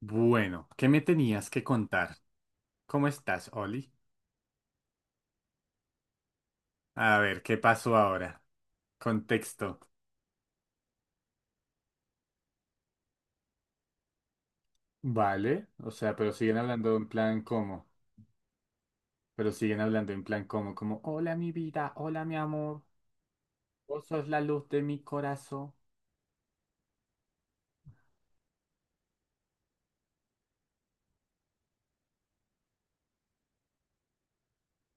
Bueno, ¿qué me tenías que contar? ¿Cómo estás, Oli? A ver, ¿qué pasó ahora? Contexto. Vale, o sea, pero siguen hablando en plan como, pero siguen hablando en plan como, hola mi vida, hola mi amor, vos sos la luz de mi corazón.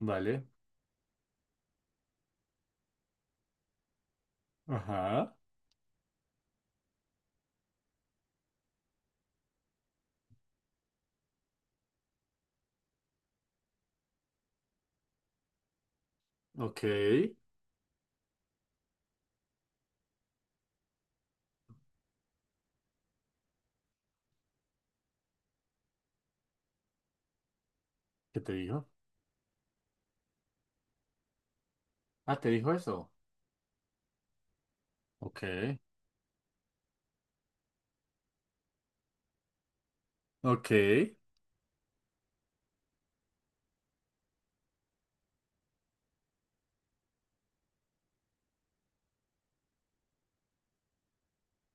Vale, ajá, ok, ¿qué te dijo? Ah, ¿te dijo eso? Ok, ok,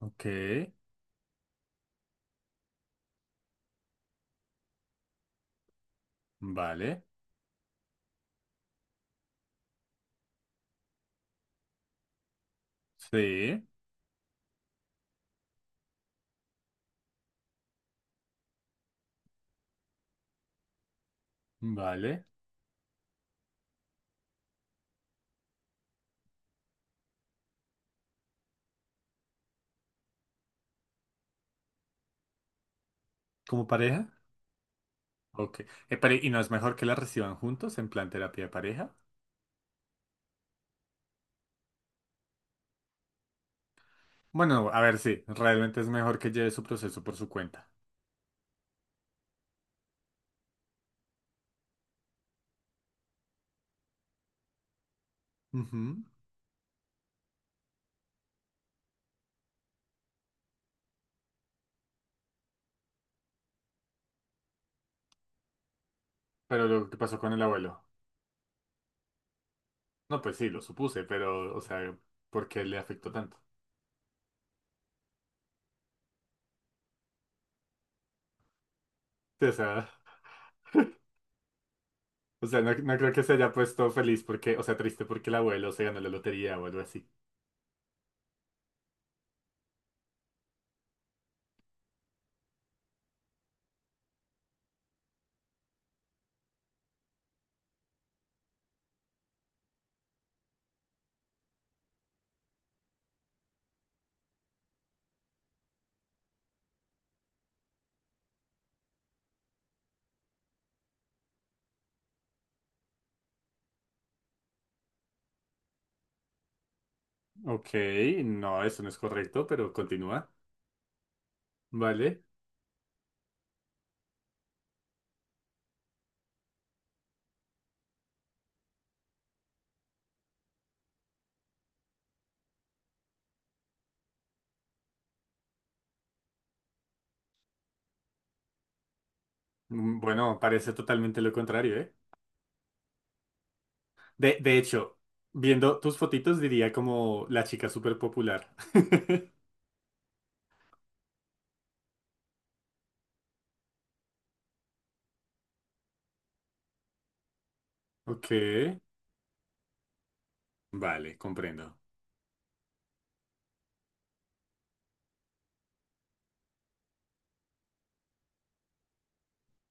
ok, vale, sí, vale, ¿como pareja? Ok. Pero, ¿y no es mejor que la reciban juntos en plan terapia de pareja? Bueno, a ver, sí, realmente es mejor que lleve su proceso por su cuenta. Ujú. Pero lo que pasó con el abuelo. No, pues sí, lo supuse, pero, o sea, ¿por qué le afectó tanto? Sí, o sea, no, no creo que se haya puesto feliz porque, o sea, triste porque el abuelo se ganó la lotería o algo así. Ok, no, eso no es correcto, pero continúa. Vale. Mm, bueno, parece totalmente lo contrario, ¿eh? De hecho, viendo tus fotitos diría como la chica súper popular. Ok, vale, comprendo.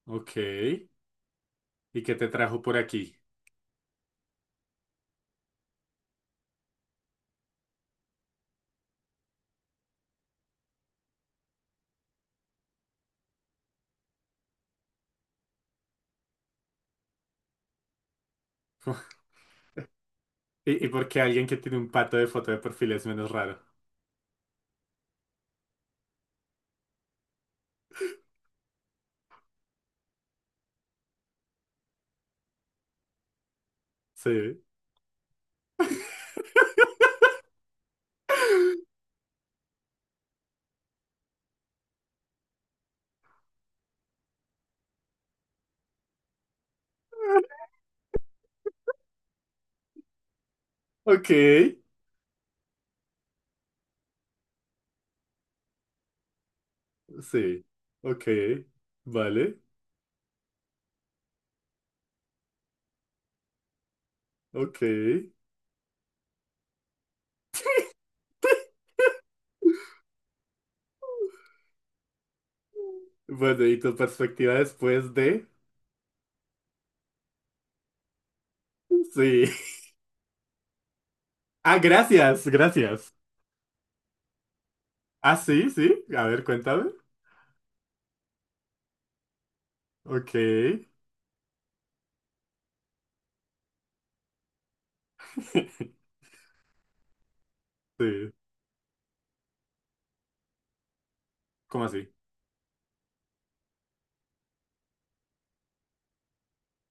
Ok, ¿y qué te trajo por aquí? ¿Y, y por qué alguien que tiene un pato de foto de perfil es menos raro? Sí, ok, sí, ok, vale, ok. Bueno, ¿y tu perspectiva después de? Sí. Ah, gracias, gracias. Ah, sí, sí, a ver, cuéntame. Ok, sí, ¿cómo así?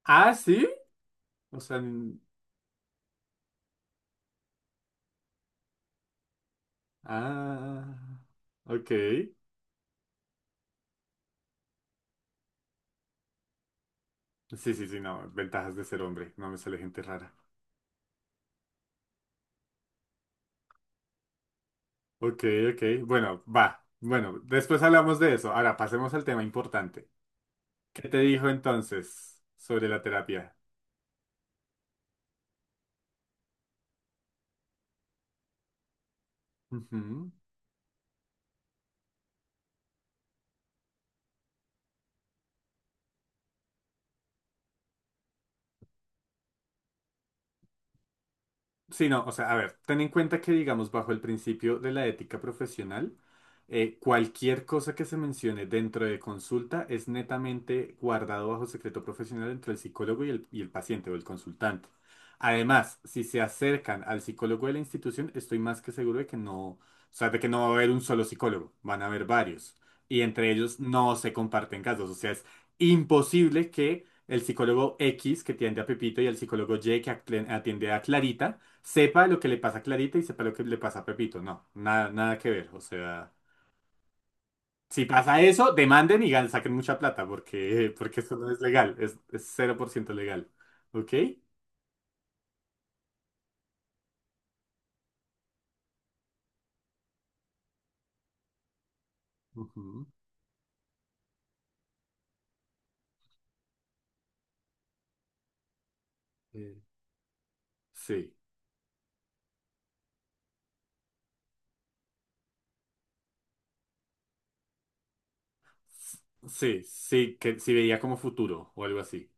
Ah, sí. O sea, n- ah, ok. Sí, sí, sí, no. Ventajas de ser hombre. No me sale gente rara. Ok, ok. Bueno, va. Bueno, después hablamos de eso. Ahora pasemos al tema importante. ¿Qué te dijo entonces sobre la terapia? Ujú. Sí, no, o sea, a ver, ten en cuenta que, digamos, bajo el principio de la ética profesional, cualquier cosa que se mencione dentro de consulta es netamente guardado bajo secreto profesional entre el psicólogo y el paciente o el consultante. Además, si se acercan al psicólogo de la institución, estoy más que seguro de que no, o sea, de que no va a haber un solo psicólogo, van a haber varios. Y entre ellos no se comparten casos, o sea, es imposible que el psicólogo X que atiende a Pepito y el psicólogo Y que atiende a Clarita, sepa lo que le pasa a Clarita y sepa lo que le pasa a Pepito. No, nada, nada que ver. O sea, si pasa eso, demanden y saquen mucha plata porque, porque eso no es legal, es 0% legal. ¿Ok? Ujú. Eh, Sí. Sí, sí, que si veía como futuro o algo así.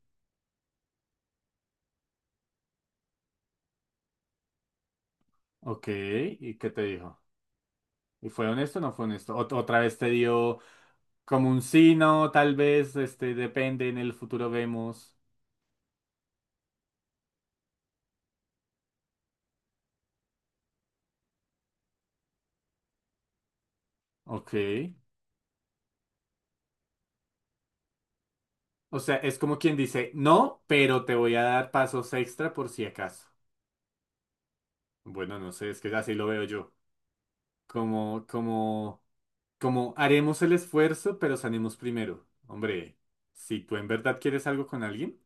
Ok, ¿y qué te dijo? ¿Y fue honesto o no fue honesto? Otra vez te dio como un sí, no, tal vez, este, depende, en el futuro vemos. Ok. O sea, es como quien dice, no, pero te voy a dar pasos extra por si acaso. Bueno, no sé, es que así lo veo yo. Como, como, Como haremos el esfuerzo, pero sanemos primero. Hombre, si tú en verdad quieres algo con alguien,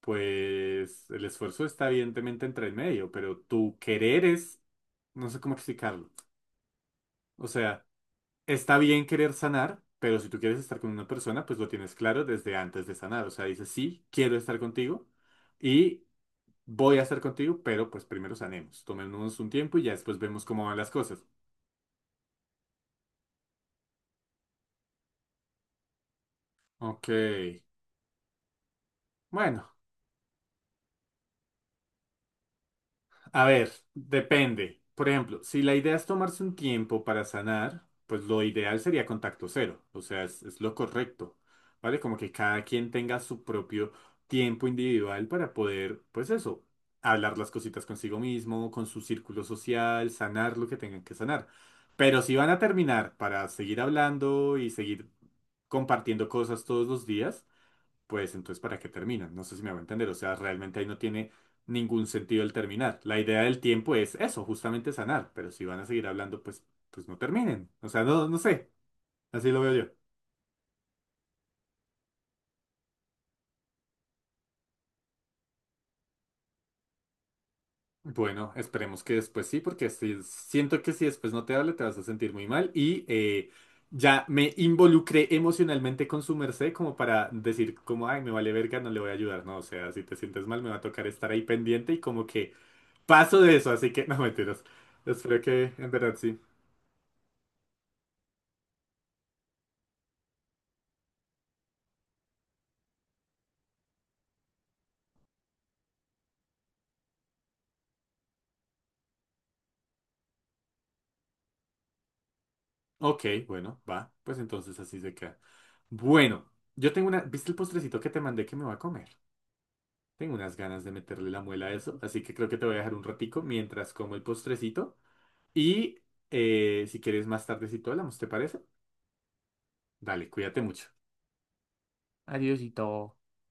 pues el esfuerzo está evidentemente entre el medio, pero tu querer es, no sé cómo explicarlo. O sea, está bien querer sanar, pero si tú quieres estar con una persona, pues lo tienes claro desde antes de sanar. O sea, dices, sí, quiero estar contigo. Y voy a hacer contigo, pero pues primero sanemos. Tomémonos un tiempo y ya después vemos cómo van las cosas. Ok. Bueno. A ver, depende. Por ejemplo, si la idea es tomarse un tiempo para sanar, pues lo ideal sería contacto cero. O sea, es lo correcto. ¿Vale? Como que cada quien tenga su propio tiempo individual para poder, pues eso, hablar las cositas consigo mismo, con su círculo social, sanar lo que tengan que sanar. Pero si van a terminar para seguir hablando y seguir compartiendo cosas todos los días, pues entonces ¿para qué terminan? No sé si me va a entender, o sea, realmente ahí no tiene ningún sentido el terminar. La idea del tiempo es eso, justamente sanar, pero si van a seguir hablando, pues, pues no terminen. O sea, no, no sé, así lo veo yo. Bueno, esperemos que después sí, porque siento que si después no te hable, te vas a sentir muy mal y ya me involucré emocionalmente con su merced como para decir como, ay, me vale verga, no le voy a ayudar, no, o sea, si te sientes mal, me va a tocar estar ahí pendiente y como que paso de eso, así que no mentiras. Espero que en verdad sí. Ok, bueno, va. Pues entonces así se queda. Bueno, yo tengo una. ¿Viste el postrecito que te mandé que me va a comer? Tengo unas ganas de meterle la muela a eso, así que creo que te voy a dejar un ratico mientras como el postrecito. Y si quieres más tardecito hablamos, ¿te parece? Dale, cuídate mucho. Adiósito.